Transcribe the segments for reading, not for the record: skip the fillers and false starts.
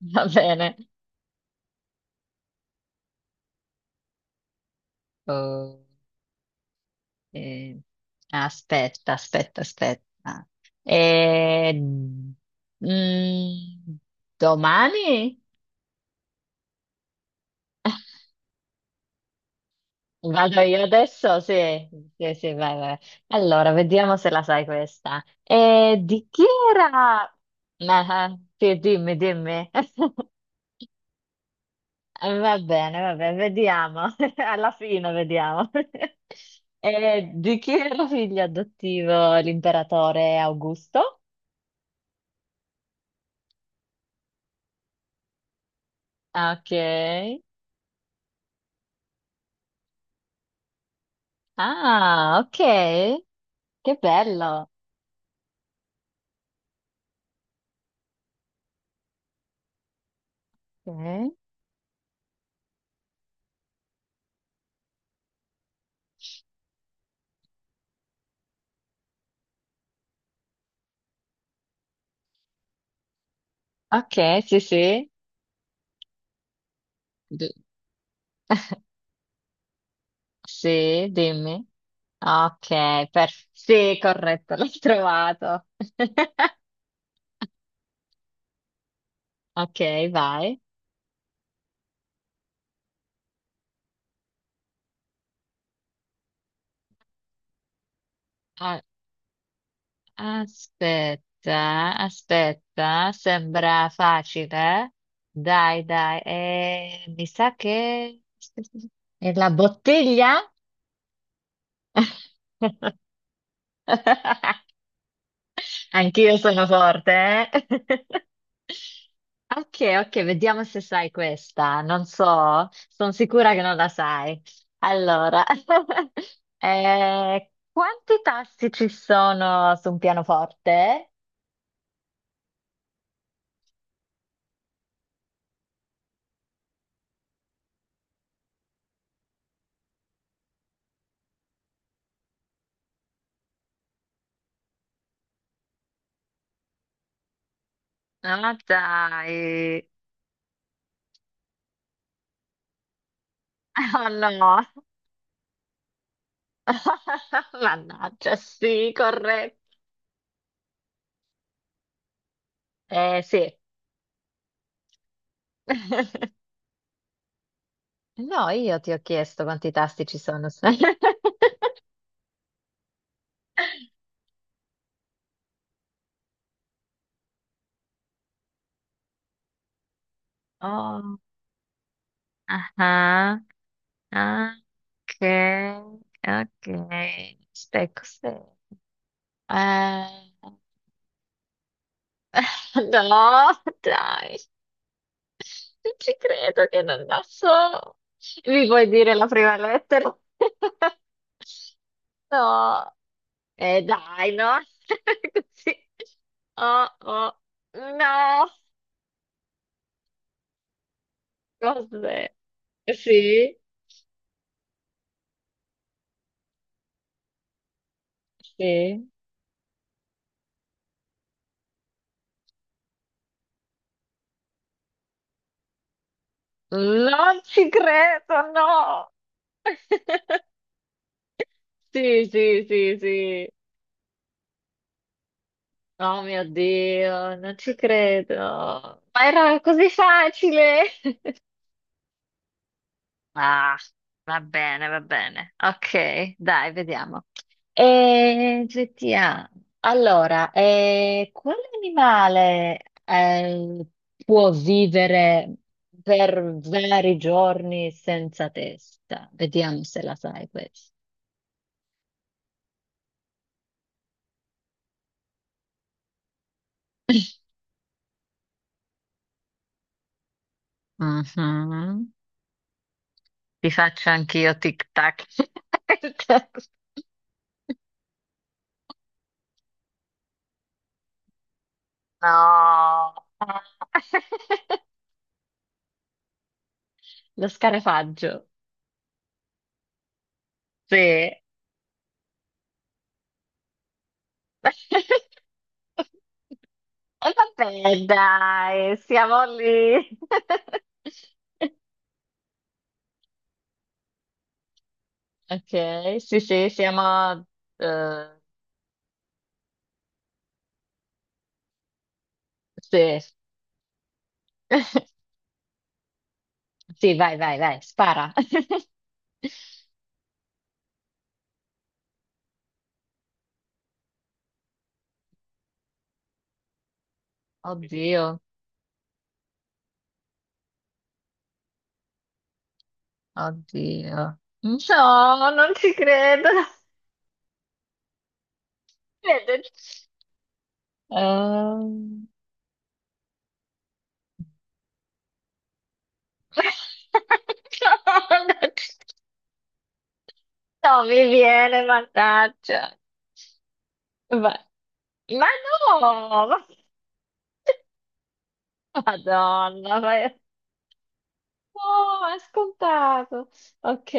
Va bene. Oh, eh, aspetta, aspetta, aspetta. Eh, mm, domani? Vado io adesso? Sì, sì, sì, vai, vai. Allora, vediamo se la sai questa. Di chi era? Ah, sì, dimmi, dimmi. Va bene, vediamo. Alla fine vediamo. Di chi era figlio adottivo l'imperatore Augusto? Ok. Ah, ok. Che bello. Ok. Ok, sì, sì. Di- sì, dimmi. Ok, sì, corretto, l'ho trovato. Ok, vai. A- Aspetta, aspetta, sembra facile. Dai, dai, mi sa che... È la bottiglia? Anch'io sono forte, eh? Ok, ok, vediamo se sai questa. Non so, sono sicura che non la sai. Allora, quanti tasti ci sono su un pianoforte? Ah, dai. Oh no. Mannaggia, sì, corretto. Sì. No, io ti ho chiesto quanti tasti ci sono. Oh, ah, ah. Ah, ok, ok. Stai cos'è? Eh, no, dai, non ci credo che non la so. Mi vuoi dire la prima lettera? No, dai, no, così. Oh, oh, no, cos'è? Sì, sì. Non ci credo, no. Sì, sì, sì, sì. Oh mio Dio, non ci credo. Ma era così facile. Ah, va bene, va bene. Ok, dai, vediamo. E GTA. Allora, quale animale eh, può vivere per vari giorni senza testa? Vediamo se la sai questa. Mhm. Ti faccio anch'io tic-tac. No. Lo scarefaggio. Sì. E vabbè, dai, siamo lì. Ok, sì, sì, eh, sì. Sì, vai, vai, vai, spara. Oddio, oddio. Mm. No, non ci credo. Vede- Ehm, No, non ci- non mi viene, mannaggia. Vai. Ma no! ma- Madonna, ma è... no, è scontato. Ok,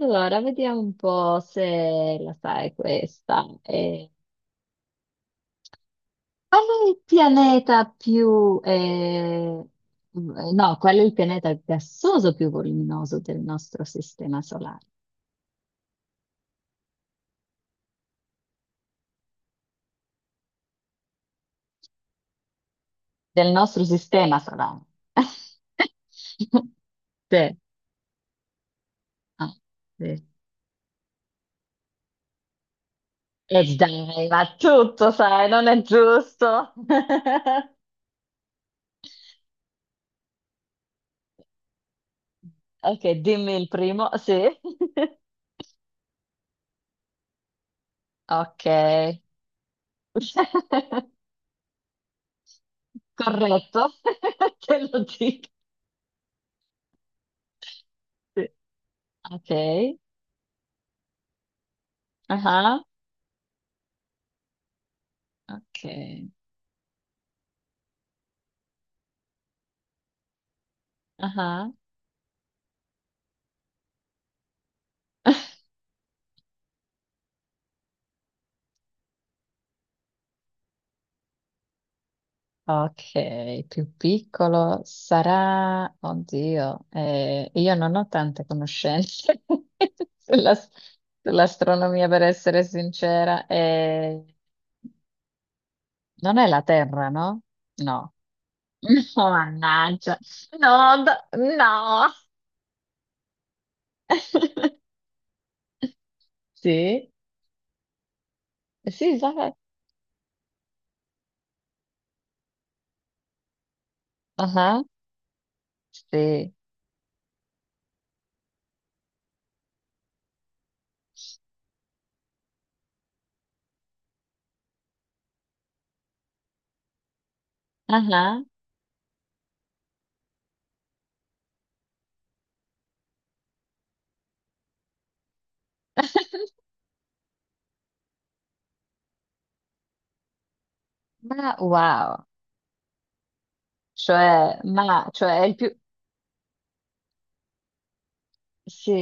allora vediamo un po' se la sai questa. Qual è il pianeta più... No, qual è il pianeta gassoso più voluminoso del nostro sistema solare? Del nostro sistema solare. Sì. Ah, sì. E dai, ma tutto sai, non è giusto. Ok, dimmi il primo, sì. Ok. Corretto, te lo dico. Sì. Ok. Ah, ok. Ah. Ok, più piccolo sarà... Oddio, io non ho tante conoscenze sulla- sull'astronomia, per essere sincera. Non è la Terra, no? No. No, mannaggia. No, d- no. Sì, sì, esatto. Ah. Sì, ah. Ma wow, cioè, ma, cioè, è il più... Sì,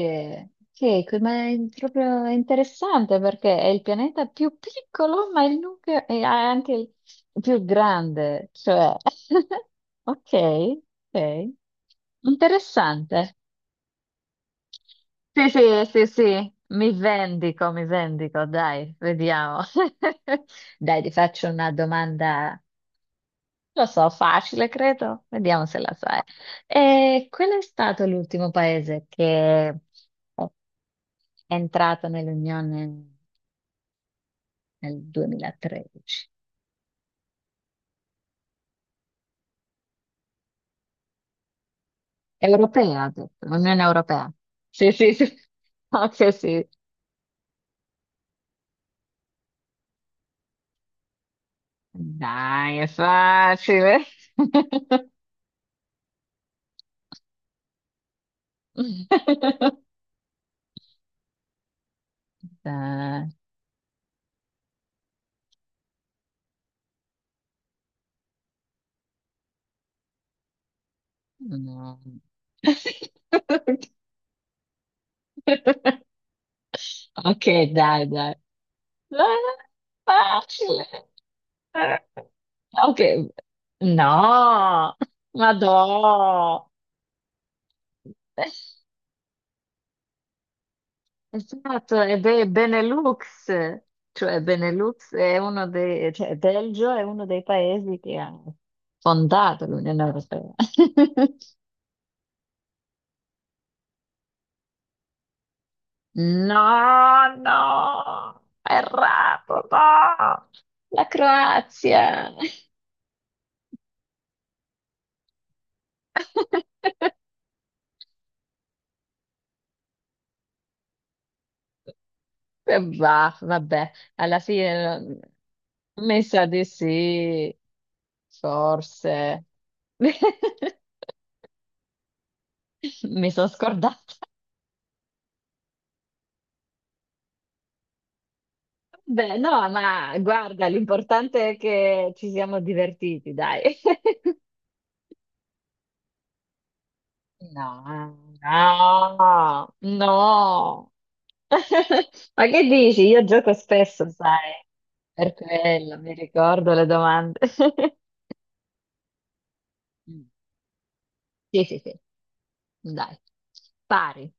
sì, ma è proprio interessante perché è il pianeta più piccolo, ma il nucleo è anche il più grande, cioè... Ok, ok. Interessante. Sì, sì, sì, sì, mi vendico, dai, vediamo. Dai, ti faccio una domanda, lo so, facile, credo, vediamo se la sai. E qual è stato l'ultimo paese che è entrato nell'Unione nel 2013? Europea, ha detto, Unione Europea. Sì, sì, sì, ok, sì. Dai, è facile. Dai. Mm. Ok, dai, dai. Ah, facile. Ah, ok, no, ma no. Esatto, e beh, Benelux, cioè Benelux è uno dei, cioè Belgio è uno dei paesi che ha fondato l'Unione Europea. No, no, errato, no. La Croazia. Bah, vabbè, alla fine mi sa di sì, forse. Mi sono scordata. Beh, no, ma guarda, l'importante è che ci siamo divertiti, dai. No, no, no. Ma che dici? Io gioco spesso, sai, per quello mi ricordo le domande. Mm. Sì, sì, sì, dai, pari.